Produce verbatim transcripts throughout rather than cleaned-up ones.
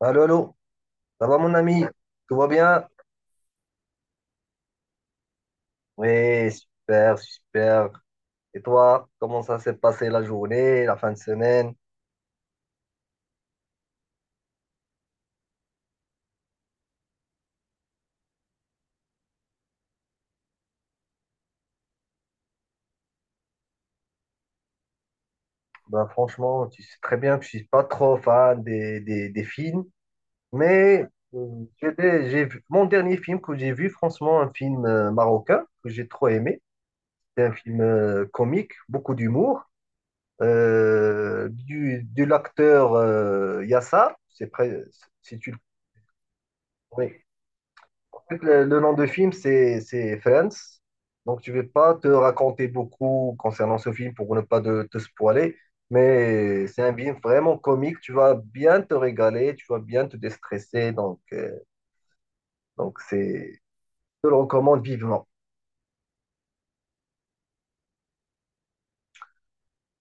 Allô, allô, ça va mon ami? Tout va bien? Oui, super, super. Et toi, comment ça s'est passé la journée, la fin de semaine? Ben, franchement, tu sais très bien que je suis pas trop fan des, des, des films, mais euh, j'étais- j'ai vu, mon dernier film que j'ai vu, franchement, un film euh, marocain que j'ai trop aimé. C'est un film euh, comique, beaucoup d'humour, euh, du, de l'acteur euh, Yassa, c'est près, si tu le connais. En fait, le, le nom de film, c'est c'est Friends. Donc, je ne vais pas te raconter beaucoup concernant ce film pour ne pas te, te spoiler, mais c'est un film vraiment comique. Tu vas bien te régaler, tu vas bien te déstresser. Donc, euh, donc c'est, je te le recommande vivement.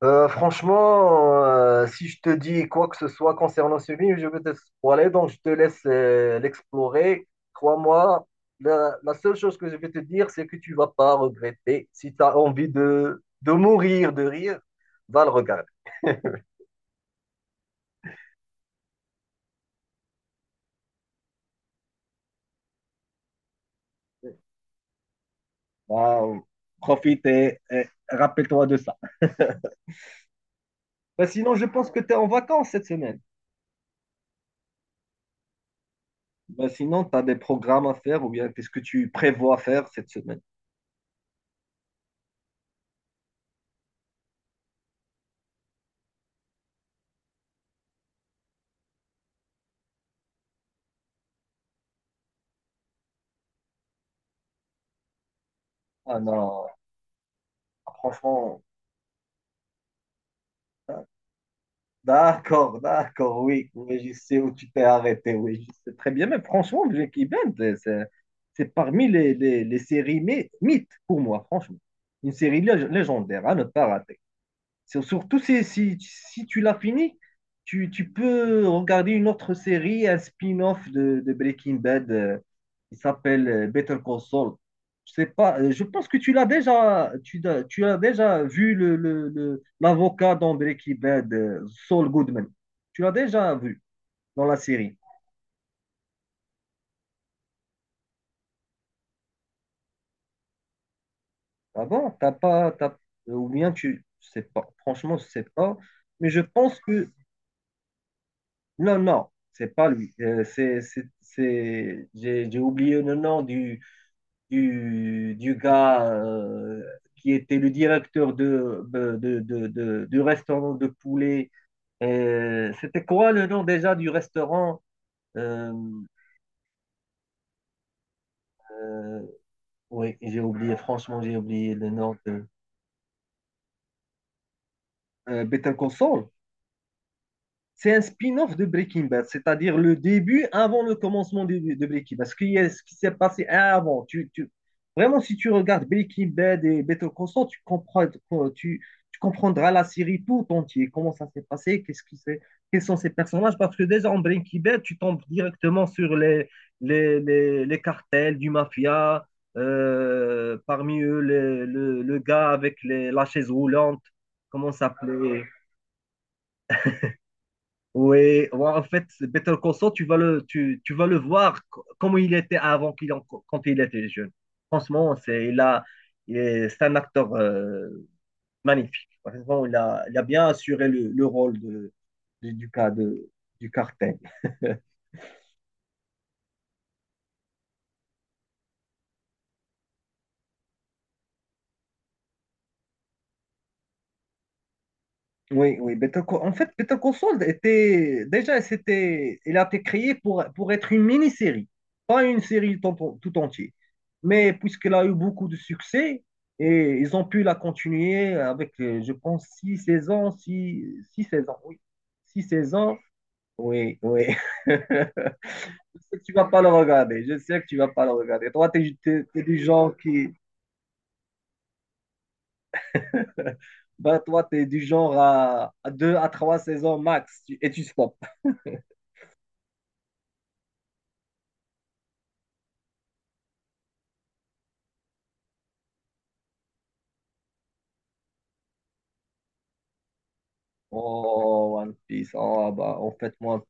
Euh, franchement, euh, si je te dis quoi que ce soit concernant ce film, je vais te spoiler, donc je te laisse euh, l'explorer. Crois-moi, la, la seule chose que je vais te dire, c'est que tu vas pas regretter. Si tu as envie de, de mourir de rire, va le regarder. Waouh, profite et, et rappelle-toi de ça. Ben, sinon, je pense que tu es en vacances cette semaine. Ben, sinon, tu as des programmes à faire ou bien qu'est-ce que tu prévois faire cette semaine? Ah non, franchement. D'accord, d'accord, oui, oui, je sais où tu t'es arrêté, oui, je sais très bien. Mais franchement, Breaking Bad, euh, c'est c'est parmi les, les, les séries mé- mythes pour moi, franchement. Une série lég- légendaire à ne pas rater. Sur- Surtout si, si, si tu l'as fini, tu, tu peux regarder une autre série, un spin-off de, de Breaking Bad euh, qui s'appelle euh, Better Call Saul. Je sais pas, euh, je pense que tu l'as déjà, tu, l'as- tu as déjà vu le, le- le- l'avocat dans Breaking Bad, euh, Saul Goodman. Tu l'as déjà vu dans la série. Ah bon? T'as pas, t'as- ou bien tu, je sais pas. Franchement, je sais pas. Mais je pense que Non, non, c'est pas lui. Euh, c'est, c'est, c'est- J'ai j'ai oublié le nom du, du, du gars euh, qui était le directeur de, de, de, de- de- du restaurant de poulet. Euh, C'était quoi le nom déjà du restaurant? Euh, euh, oui, j'ai oublié, franchement, j'ai oublié le nom de... Euh, Better Call Saul. C'est un spin-off de Breaking Bad, c'est-à-dire le début avant le commencement de, de Breaking Bad. Ce qui est ce qui s'est passé avant. Tu, tu- Vraiment, si tu regardes Breaking Bad et Better Call Saul, tu comprends, tu, tu comprendras la série tout entière. Comment ça s'est passé, qu'est-ce qui s'est- quels sont ces personnages. Parce que déjà en Breaking Bad, tu tombes directement sur les, les, les, les cartels du mafia, euh, parmi eux les- le, le gars avec les, la chaise roulante, comment ça s'appelait? Oui, ouais, en fait, Better Call Saul, tu vas le, tu, tu vas le voir co- comment il était avant qu'il en- quand il était jeune. Franchement, c'est, il a, il est, c'est un acteur euh, magnifique. Franchement, il a, il a bien assuré le, le rôle de, de- du cas de, du cartel. Oui, oui. Better Call- en fait, Better Call Saul était déjà, c'était, il a été créé pour, pour être une mini-série, pas une série tout, tout entière. Mais puisqu'elle a eu beaucoup de succès, et ils ont pu la continuer avec, euh, je pense, six saisons, six, six saisons, oui. Six saisons, oui, oui. Je sais que tu vas pas le regarder. Je sais que tu vas pas le regarder. Toi, t'es, t'es, t'es du genre qui, ben, toi, t'es du genre à, à deux à trois saisons max, tu- et tu stops. Oh, One Piece, oh, bah, en fait, moi,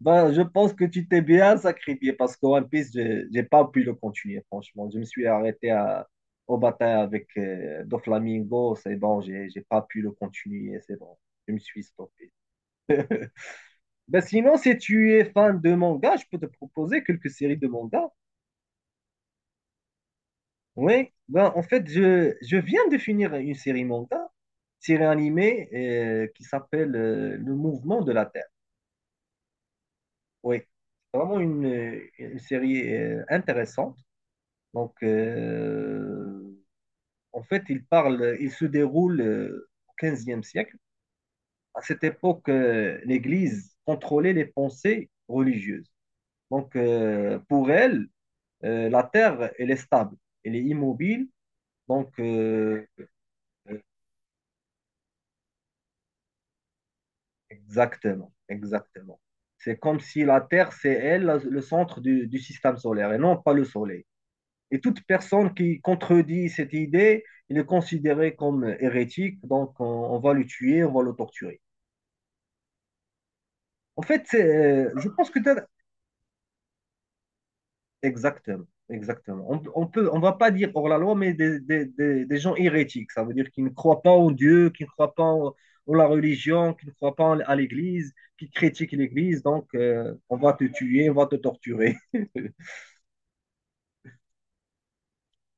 bah, je pense que tu t'es bien sacrifié parce que One Piece, j'ai j'ai pas pu le continuer, franchement. Je me suis arrêté à, au bataille avec euh, Doflamingo, c'est bon, j'ai j'ai pas pu le continuer, c'est bon, je me suis stoppé. Ben, sinon, si tu es fan de manga, je peux te proposer quelques séries de manga. Oui, ben, en fait, je, je viens de finir une série manga, série animée euh, qui s'appelle euh, Le Mouvement de la Terre. Oui, c'est vraiment une, une série euh, intéressante. Donc, euh, en fait, il parle, il se déroule euh, au quinzième siècle. À cette époque, euh, l'Église contrôlait les pensées religieuses. Donc, euh, pour elle, euh, la terre, elle est stable, elle est immobile. Donc, euh, euh, exactement, exactement. C'est comme si la terre, c'est elle, la- le centre du du système solaire et non pas le soleil. Et toute personne qui contredit cette idée, il est considéré comme hérétique, donc on, on va le tuer, on va le torturer. En fait, euh, je pense que tu as... Exactement, exactement. On, on peut, on va pas dire hors la loi, mais des, des, des, des gens hérétiques. Ça veut dire qu'ils ne croient pas en Dieu, qu'ils ne croient pas en, en la religion, qu'ils ne croient pas en- à l'Église, qui critiquent l'Église. Donc, euh, on va te tuer, on va te torturer.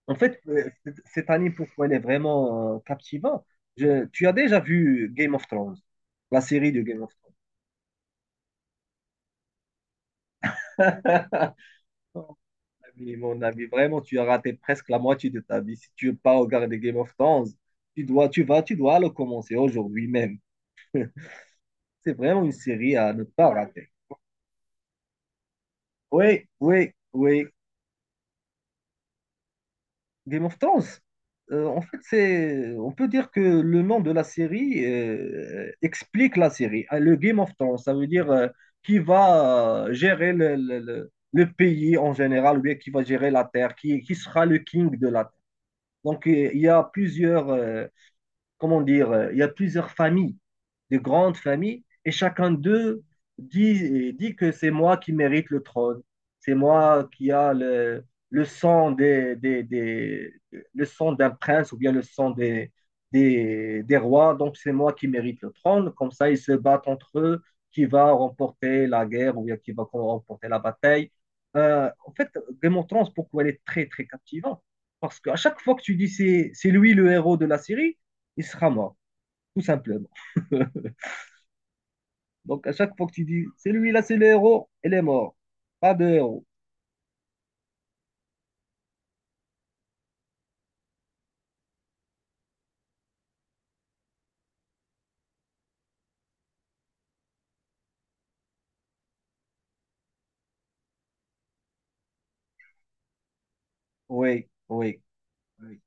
En fait, euh, c- cette année, pourquoi elle est vraiment euh, captivante? Je- tu as déjà vu Game of Thrones, la série de Game of Thrones. Mon ami, mon ami, vraiment, tu as raté presque la moitié de ta vie. Si tu veux pas regarder Game of Thrones, tu dois, tu vas, tu dois le commencer aujourd'hui même. C'est vraiment une série à ne pas rater. Oui, oui, oui. Game of Thrones, euh, en fait, c'est, on peut dire que le nom de la série euh, explique la série. Ah, Le Game of Thrones, ça veut dire euh, qui va euh, gérer le, le- le- le pays en général, ou bien qui va gérer la terre, qui, qui sera le king de la terre. Donc, euh, il y a plusieurs, euh, comment dire, euh, il y a plusieurs familles, de grandes familles, et chacun d'eux dit, euh, dit que c'est moi qui mérite le trône, c'est moi qui a le, le sang des, des, des- le sang d'un prince ou bien le sang des, des, des rois, donc c'est moi qui mérite le trône. Comme ça, ils se battent entre eux, qui va remporter la guerre ou bien qui va remporter la bataille. Euh, en fait, Game of Thrones, pourquoi elle est très, très captivante? Parce qu'à chaque fois que tu dis c'est c'est lui le héros de la série, il sera mort, tout simplement. Donc, à chaque fois que tu dis, c'est lui là, c'est le héros, il est mort. Pas de héros. Oui, oui, oui.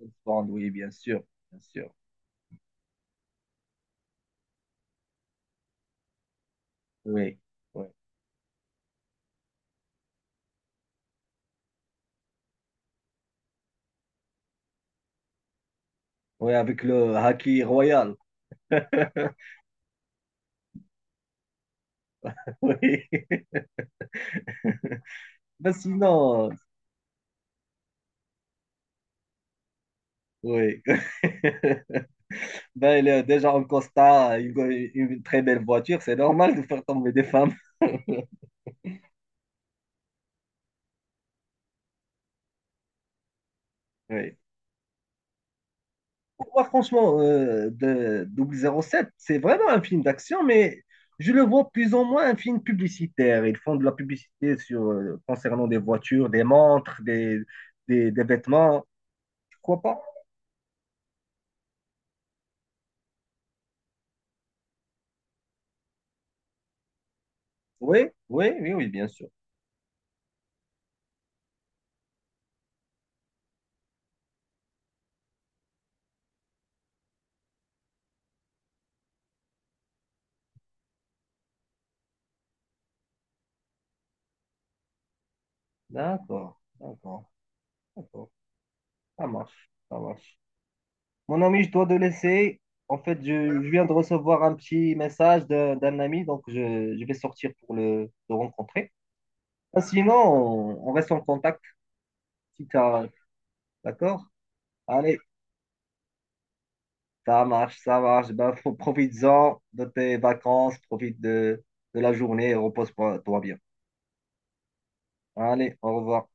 James Bond, oui, bien sûr, bien sûr. Oui, oui. Oui, avec le haki royal. Oui. Ben sinon, oui. Ben, il est déjà en costard, il a une très belle voiture, c'est normal de faire tomber des femmes. Oui. Pour moi, franchement, euh, de double zéro sept, c'est vraiment un film d'action, mais je le vois plus ou moins un film publicitaire. Ils font de la publicité sur, euh, concernant des voitures, des montres, des, des, des vêtements. Tu crois pas? Oui, oui, oui, oui, bien sûr. D'accord, d'accord, d'accord. Ça marche, ça marche. Mon ami, je dois te laisser. En fait, je, je viens de recevoir un petit message d'un d'un ami, donc je, je vais sortir pour le, le rencontrer. Ah, sinon, on, on reste en contact. Si tu as D'accord? Allez, ça marche, ça marche. Eh ben, faut- profites-en de tes vacances, profite de, de la journée et repose-toi bien. Allez, au revoir.